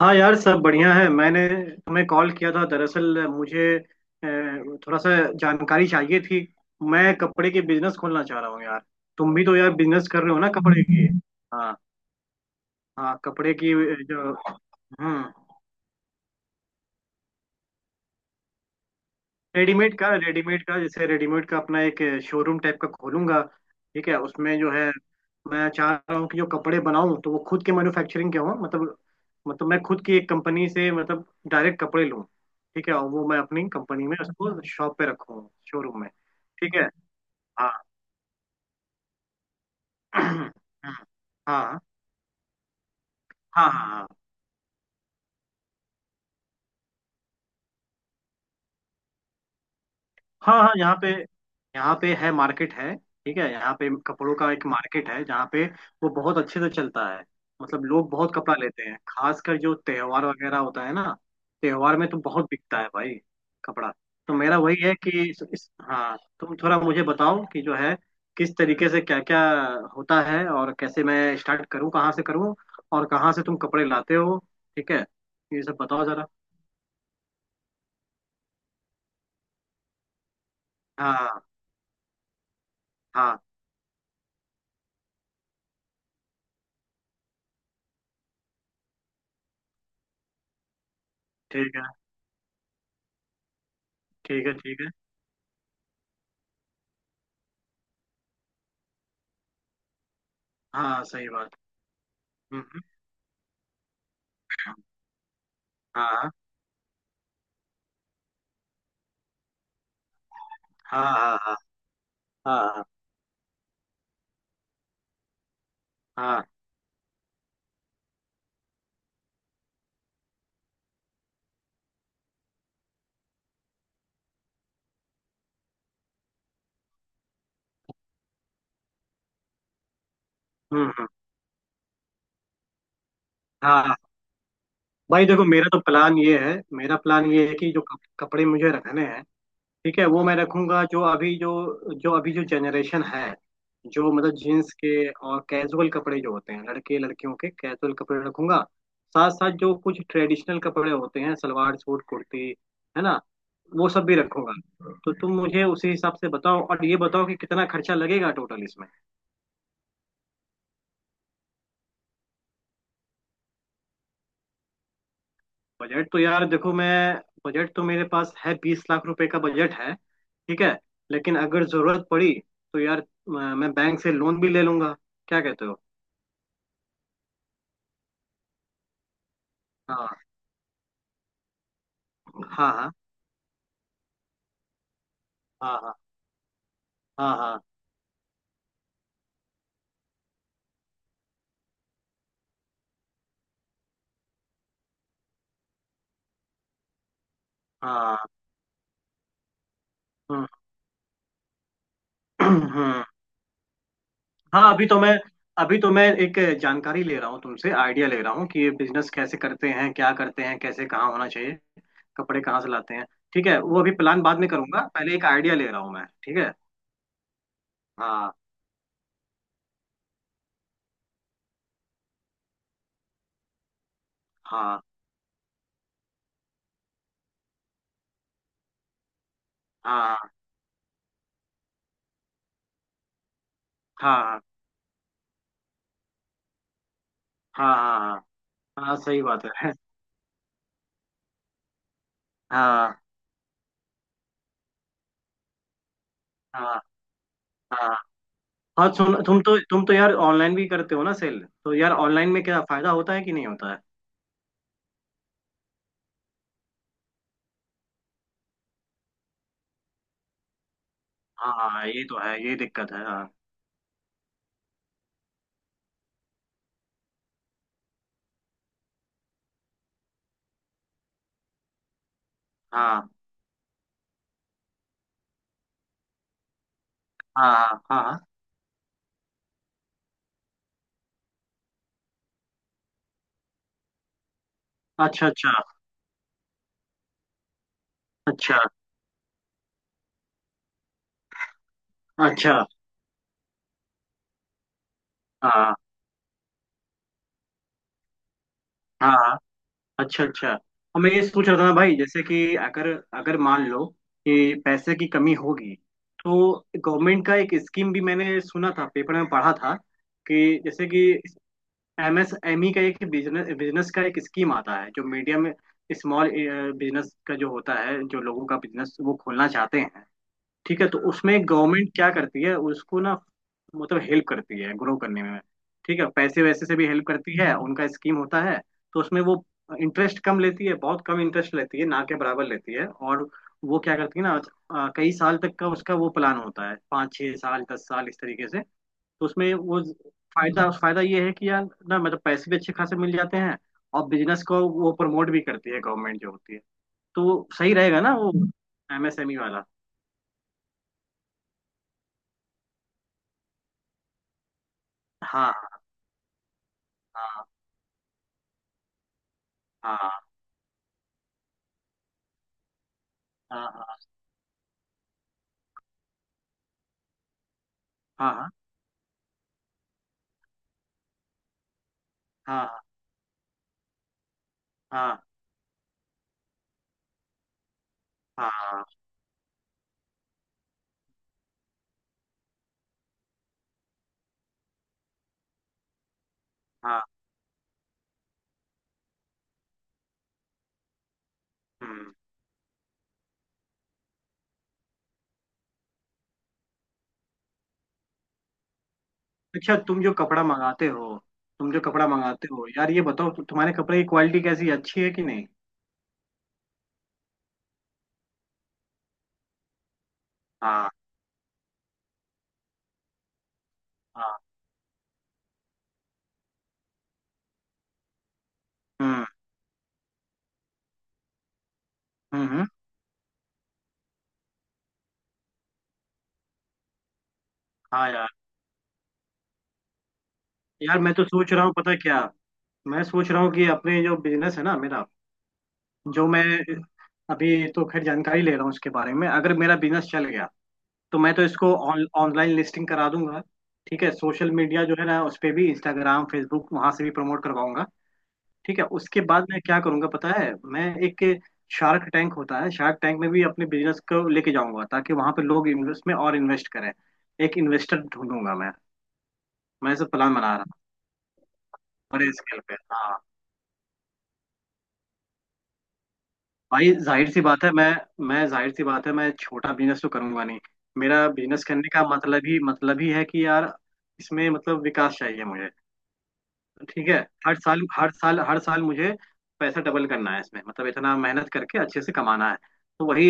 हाँ यार, सब बढ़िया है। मैंने तुम्हें कॉल किया था, दरअसल मुझे थोड़ा सा जानकारी चाहिए थी। मैं कपड़े के बिजनेस खोलना चाह रहा हूँ यार। तुम भी तो यार बिजनेस कर रहे हो ना, कपड़े की। हाँ। हाँ, कपड़े की। जो रेडीमेड का जैसे रेडीमेड का अपना एक शोरूम टाइप का खोलूंगा। ठीक है, उसमें जो है मैं चाह रहा हूँ कि जो कपड़े बनाऊं तो वो खुद के मैन्युफैक्चरिंग के हों। मतलब मैं खुद की एक कंपनी से मतलब डायरेक्ट कपड़े लूं। ठीक है, और वो मैं अपनी कंपनी में उसको शॉप पे रखूँ, शोरूम में। ठीक है। हाँ। हाँ। हाँ। हाँ। हाँ। हाँ। हाँ। हाँ, यहाँ पे है, मार्केट है। ठीक है, यहाँ पे कपड़ों का एक मार्केट है जहाँ पे वो बहुत अच्छे से चलता है। मतलब लोग बहुत कपड़ा लेते हैं, खासकर जो त्योहार वगैरह होता है ना। त्योहार में तो बहुत बिकता है भाई, कपड़ा। तो मेरा वही है कि हाँ, तुम थोड़ा मुझे बताओ कि जो है किस तरीके से क्या क्या होता है, और कैसे मैं स्टार्ट करूँ, कहाँ से करूँ, और कहाँ से तुम कपड़े लाते हो। ठीक है, ये सब बताओ जरा। हाँ। हाँ। ठीक है। ठीक है। ठीक है। हाँ, सही बात। हम्म। हाँ। हाँ। हाँ। हाँ। हाँ। हाँ। हम्म। हम्म। हाँ। हाँ। भाई देखो, मेरा तो प्लान ये है, मेरा प्लान ये है कि जो कपड़े मुझे रखने हैं, ठीक है, वो मैं रखूंगा। जो अभी जो जनरेशन है, जो मतलब जीन्स के और कैजुअल कपड़े जो होते हैं, लड़के लड़कियों के कैजुअल कपड़े रखूंगा। साथ साथ जो कुछ ट्रेडिशनल कपड़े होते हैं, सलवार सूट कुर्ती, है ना, वो सब भी रखूंगा। तो तुम मुझे उसी हिसाब से बताओ, और ये बताओ कि कितना खर्चा लगेगा टोटल इसमें। बजट तो यार देखो, मैं, बजट तो मेरे पास है, 20 लाख रुपए का बजट है। ठीक है, लेकिन अगर जरूरत पड़ी तो यार मैं बैंक से लोन भी ले लूंगा। क्या कहते हो? हाँ। हाँ। हाँ। हाँ। हाँ। हाँ। हाँ। हाँ। हम्म। हम्म। हाँ, अभी तो मैं एक जानकारी ले रहा हूँ तुमसे, आइडिया ले रहा हूँ कि ये बिजनेस कैसे करते हैं, क्या करते हैं, कैसे, कहाँ होना चाहिए, कपड़े कहाँ से लाते हैं। ठीक है, वो अभी प्लान बाद में करूंगा, पहले एक आइडिया ले रहा हूँ मैं। ठीक है। हाँ। हाँ। हाँ। हाँ। हाँ। हाँ। हाँ। हाँ। हाँ, सही बात है। हाँ। हाँ। हाँ। हाँ सुन, तुम तो यार ऑनलाइन भी करते हो ना सेल? तो यार ऑनलाइन में क्या फायदा होता है कि नहीं होता है? हाँ, हाँ, ये तो है, ये दिक्कत है, हाँ। हाँ। हाँ। हाँ। हाँ। हाँ। अच्छा। अच्छा। अच्छा। अच्छा। हाँ। हाँ। हाँ। अच्छा। अच्छा। और मैं ये सोच रहा था ना भाई, जैसे कि अगर अगर मान लो कि पैसे की कमी होगी, तो गवर्नमेंट का एक स्कीम भी मैंने सुना था, पेपर में पढ़ा था कि, जैसे कि एमएसएमई का एक बिजनेस बिजनेस का एक स्कीम आता है, जो मीडियम स्मॉल बिजनेस का जो होता है, जो लोगों का बिजनेस वो खोलना चाहते हैं। ठीक है, तो उसमें गवर्नमेंट क्या करती है उसको ना, मतलब हेल्प करती है, ग्रो करने में। ठीक है, पैसे वैसे से भी हेल्प करती है, उनका स्कीम होता है। तो उसमें वो इंटरेस्ट कम लेती है, बहुत कम इंटरेस्ट लेती है, ना के बराबर लेती है, और वो क्या करती है ना, कई साल तक का उसका वो प्लान होता है, 5-6 साल 10 साल, इस तरीके से। तो उसमें वो फायदा, फायदा ये है कि यार ना, मतलब पैसे भी अच्छे खासे मिल जाते हैं, और बिजनेस को वो प्रमोट भी करती है गवर्नमेंट जो होती है। तो वो सही रहेगा ना वो, एमएसएमई वाला। हाँ। हाँ। हाँ। हाँ। हाँ। हाँ। हाँ। हाँ। हाँ। हाँ। हाँ। हम्म। अच्छा, तुम जो कपड़ा मंगाते हो, यार ये बताओ, तुम्हारे कपड़े की क्वालिटी कैसी है, अच्छी है कि नहीं? हाँ। हाँ। हम्म। हम्म। हम्म। हाँ। यार, यार मैं तो सोच रहा हूँ, पता है क्या, मैं सोच रहा हूँ कि अपने जो बिजनेस है ना मेरा, जो मैं, अभी तो खैर जानकारी ले रहा हूँ इसके बारे में, अगर मेरा बिजनेस चल गया तो मैं तो इसको ऑनलाइन लिस्टिंग करा दूंगा। ठीक है, सोशल मीडिया जो है ना उस पे भी, इंस्टाग्राम, फेसबुक, वहां से भी प्रमोट करवाऊंगा। ठीक है, उसके बाद मैं क्या करूंगा पता है, मैं एक, शार्क टैंक होता है, शार्क टैंक में भी अपने बिजनेस को लेके जाऊंगा, ताकि वहां पे लोग इन्वेस्ट में और इन्वेस्ट करें। एक इन्वेस्टर ढूंढूंगा मैं ऐसा प्लान बना रहा हूँ, बड़े स्केल पे। हाँ। भाई जाहिर सी बात है, मैं जाहिर सी बात है, मैं छोटा बिजनेस तो करूंगा नहीं। मेरा बिजनेस करने का मतलब ही है कि यार इसमें मतलब विकास चाहिए मुझे। ठीक है, हर साल हर साल हर साल मुझे पैसा डबल करना है इसमें, मतलब इतना मेहनत करके अच्छे से कमाना है। तो वही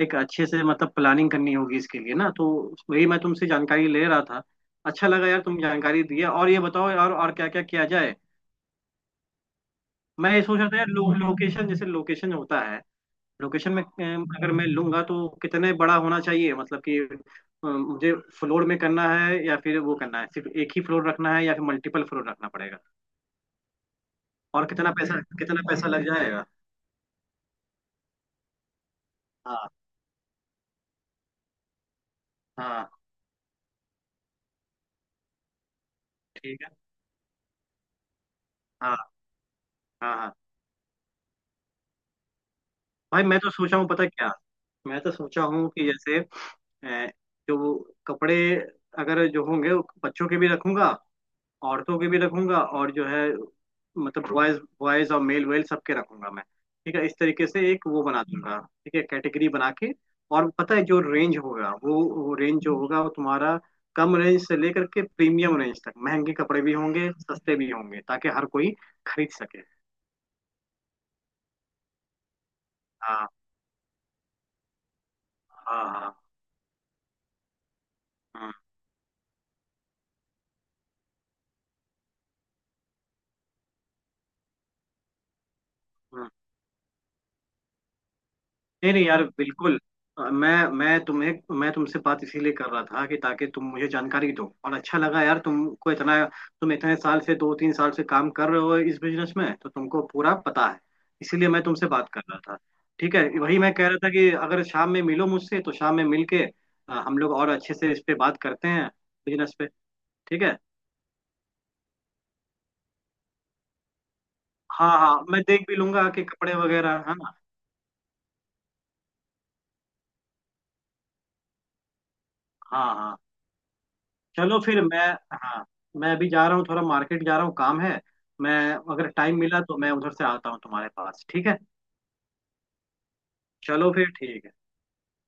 एक अच्छे से मतलब प्लानिंग करनी होगी इसके लिए ना, तो वही मैं तुमसे जानकारी ले रहा था। अच्छा लगा यार तुम जानकारी दिया, और ये बताओ यार और क्या क्या किया जाए। मैं ये सोच रहा था यार, लोकेशन, जैसे लोकेशन होता है, लोकेशन में अगर मैं लूंगा तो कितने बड़ा होना चाहिए, मतलब कि, मुझे फ्लोर में करना है या फिर वो करना है, सिर्फ एक ही फ्लोर रखना है या फिर मल्टीपल फ्लोर रखना पड़ेगा, और कितना पैसा लग जाएगा। हाँ। हाँ। ठीक है। हाँ। हाँ। हाँ। भाई मैं तो सोचा हूँ, पता क्या, मैं तो सोचा हूँ कि जैसे अ, जो वो कपड़े, अगर जो होंगे, वो बच्चों के भी रखूंगा, औरतों के भी रखूंगा, और जो है मतलब बॉयज बॉयज और मेल वेल सबके रखूंगा मैं। ठीक है, इस तरीके से एक वो बना दूंगा, ठीक है, कैटेगरी बना के। और पता है, जो रेंज होगा वो रेंज जो होगा वो तुम्हारा, कम रेंज से लेकर के प्रीमियम रेंज तक, महंगे कपड़े भी होंगे, सस्ते भी होंगे, ताकि हर कोई खरीद सके। हाँ। हाँ। हाँ। हम्म। हम्म। नहीं नहीं यार, बिल्कुल। अ, मैं मैं तुम्हें मैं तुमसे बात इसीलिए कर रहा था कि ताकि तुम मुझे जानकारी दो, और अच्छा लगा यार तुमको, इतना तुम इतने साल से, 2-3 साल से काम कर रहे हो इस बिजनेस में, तो तुमको पूरा पता है, इसीलिए मैं तुमसे बात कर रहा था। ठीक है, वही मैं कह रहा था कि अगर शाम में मिलो मुझसे तो शाम में मिल के हम लोग और अच्छे से इस पे बात करते हैं, बिजनेस पे। ठीक है। हाँ। हाँ, मैं देख भी लूंगा कि कपड़े वगैरह है ना। हाँ। हाँ। चलो फिर। मैं हाँ, मैं अभी जा रहा हूँ, थोड़ा मार्केट जा रहा हूँ, काम है। मैं, अगर टाइम मिला तो मैं उधर से आता हूँ तुम्हारे पास, ठीक है। चलो फिर, ठीक है।